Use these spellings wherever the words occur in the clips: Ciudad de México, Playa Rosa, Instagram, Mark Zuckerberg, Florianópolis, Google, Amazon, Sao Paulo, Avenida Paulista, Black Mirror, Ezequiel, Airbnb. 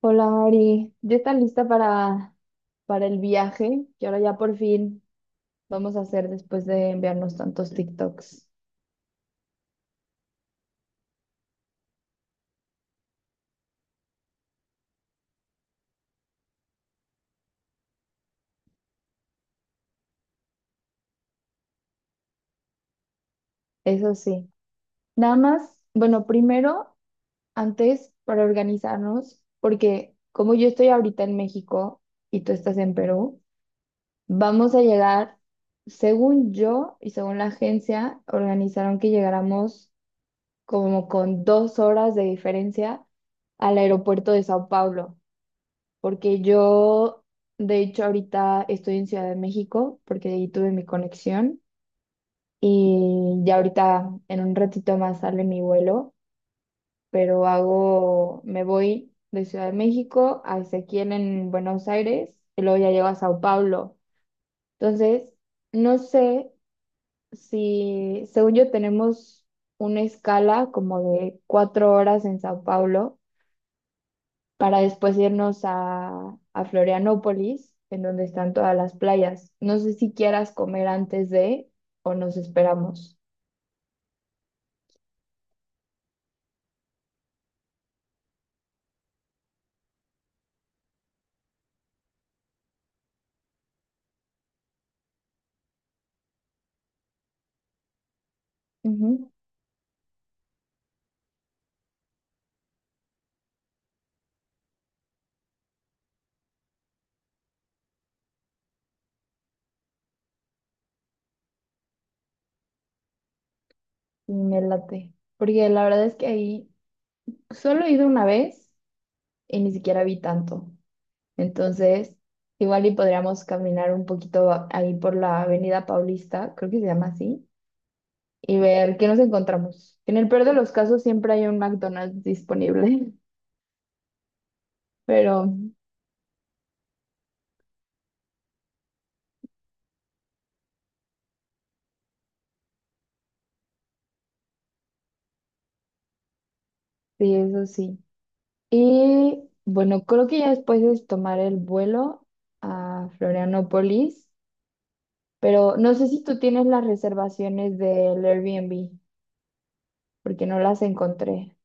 Hola Mari, ¿ya está lista para el viaje que ahora ya por fin vamos a hacer después de enviarnos tantos TikToks? Eso sí. Nada más, bueno, primero, antes para organizarnos, porque como yo estoy ahorita en México y tú estás en Perú, vamos a llegar, según yo y según la agencia, organizaron que llegáramos como con 2 horas de diferencia al aeropuerto de Sao Paulo. Porque yo, de hecho, ahorita estoy en Ciudad de México, porque ahí tuve mi conexión y ya ahorita en un ratito más sale mi vuelo, pero me voy de Ciudad de México a Ezequiel en Buenos Aires y luego ya llego a Sao Paulo. Entonces, no sé si, según yo, tenemos una escala como de 4 horas en Sao Paulo para después irnos a Florianópolis, en donde están todas las playas. No sé si quieras comer antes de o nos esperamos. Ujú. Y me late, porque la verdad es que ahí solo he ido una vez y ni siquiera vi tanto. Entonces, igual y podríamos caminar un poquito ahí por la Avenida Paulista, creo que se llama así, y ver qué nos encontramos. En el peor de los casos siempre hay un McDonald's disponible, pero sí, eso sí. Y bueno, creo que ya después es tomar el vuelo a Florianópolis, pero no sé si tú tienes las reservaciones del Airbnb, porque no las encontré.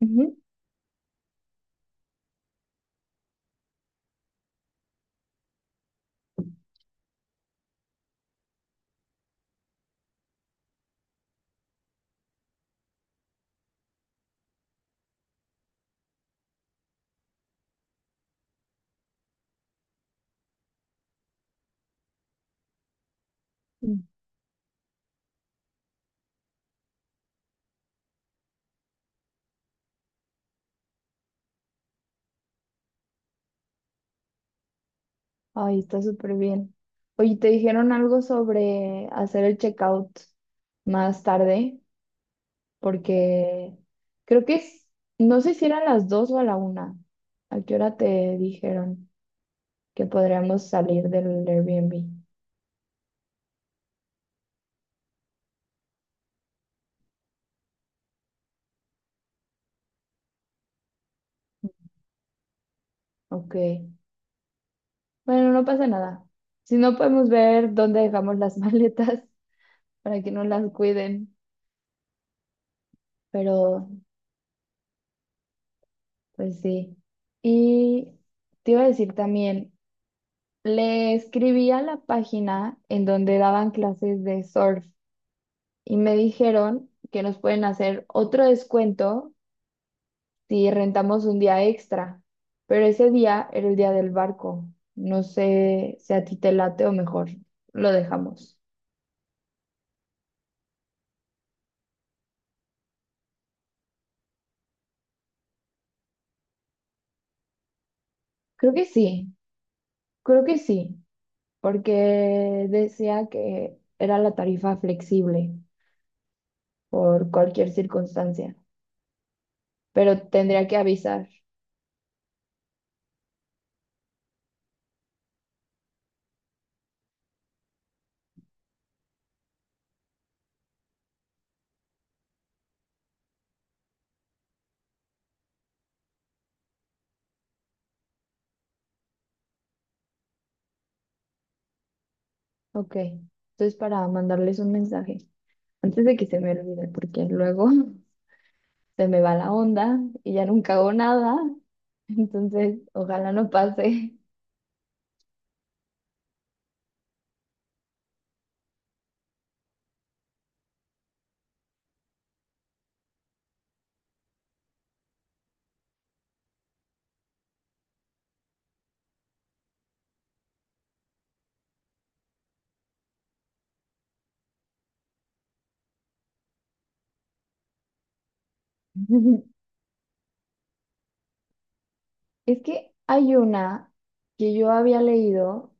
Ujú. Mm. Ay, está súper bien. Oye, ¿te dijeron algo sobre hacer el checkout más tarde? Porque creo que es, no sé si eran las dos o a la una. ¿A qué hora te dijeron que podríamos salir del Airbnb? Ok. Bueno, no pasa nada. Si no podemos ver dónde dejamos las maletas para que no las cuiden, pero pues sí. Y te iba a decir también, le escribí a la página en donde daban clases de surf y me dijeron que nos pueden hacer otro descuento si rentamos un día extra, pero ese día era el día del barco. No sé si a ti te late o mejor lo dejamos. Creo que sí, creo que sí. Porque decía que era la tarifa flexible por cualquier circunstancia, pero tendría que avisar. Ok, entonces para mandarles un mensaje, antes de que se me olvide, porque luego se me va la onda y ya nunca hago nada, entonces ojalá no pase. Es que hay una que yo había leído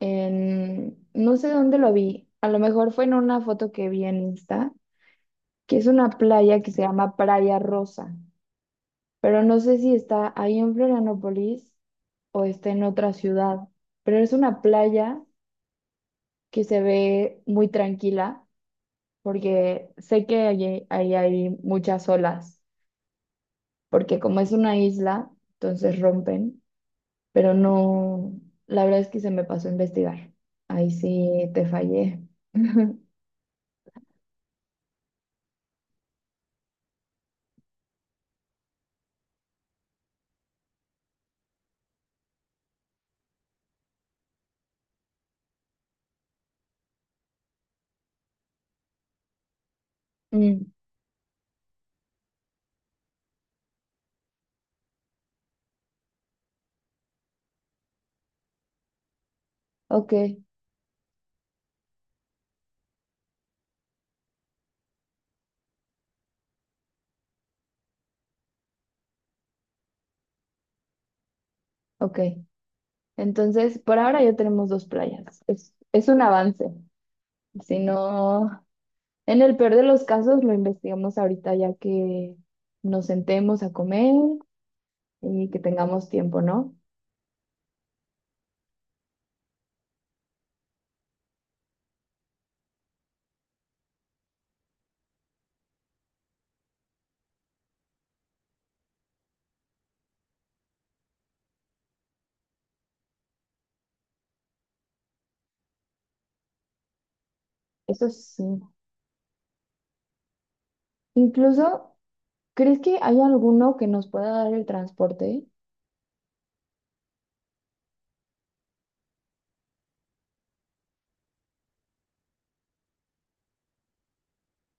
en, no sé dónde lo vi, a lo mejor fue en una foto que vi en Insta, que es una playa que se llama Playa Rosa, pero no sé si está ahí en Florianópolis o está en otra ciudad, pero es una playa que se ve muy tranquila porque sé que ahí hay muchas olas, porque como es una isla, entonces rompen, pero no, la verdad es que se me pasó a investigar. Ahí sí te fallé. Mm, ok, ok. Entonces, por ahora ya tenemos dos playas. Es un avance. Si no, en el peor de los casos lo investigamos ahorita ya que nos sentemos a comer y que tengamos tiempo, ¿no? Eso sí. Incluso, ¿crees que hay alguno que nos pueda dar el transporte?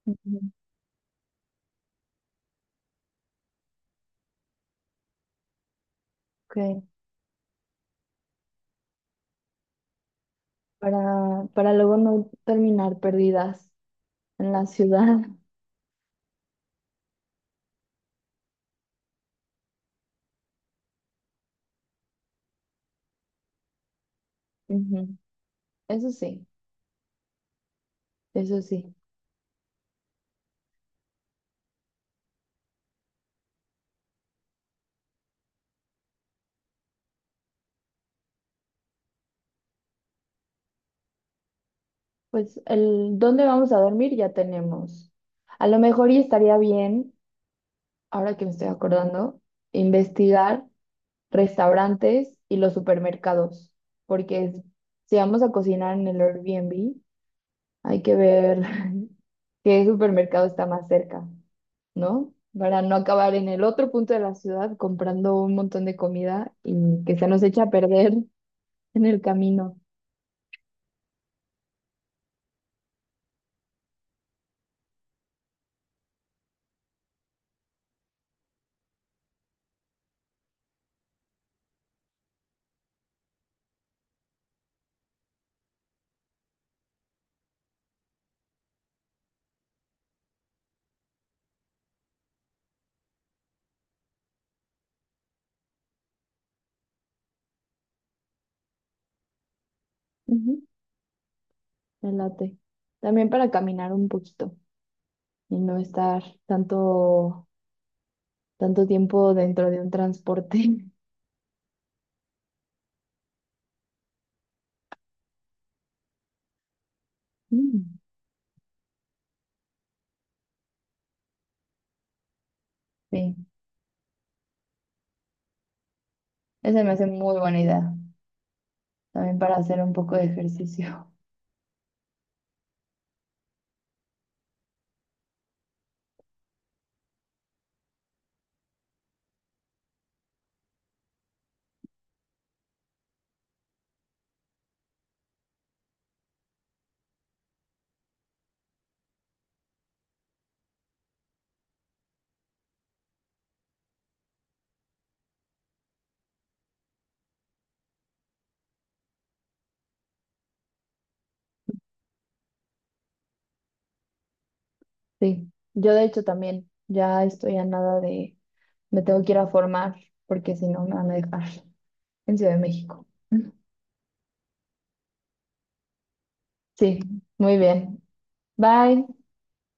Ujú. Ok. Para luego no terminar perdidas en la ciudad. Ujú. Eso sí, eso sí. Pues el dónde vamos a dormir ya tenemos. A lo mejor y estaría bien, ahora que me estoy acordando, investigar restaurantes y los supermercados, porque si vamos a cocinar en el Airbnb, hay que ver qué supermercado está más cerca, ¿no? Para no acabar en el otro punto de la ciudad comprando un montón de comida y que se nos echa a perder en el camino. Ujú, me late. También para caminar un poquito y no estar tanto, tanto tiempo dentro de un transporte. Mm, sí, esa me hace muy buena idea. También para hacer un poco de ejercicio. Sí, yo de hecho también ya estoy a nada de, me tengo que ir a formar porque si no me van a dejar en Ciudad de México. Sí, muy bien. Bye.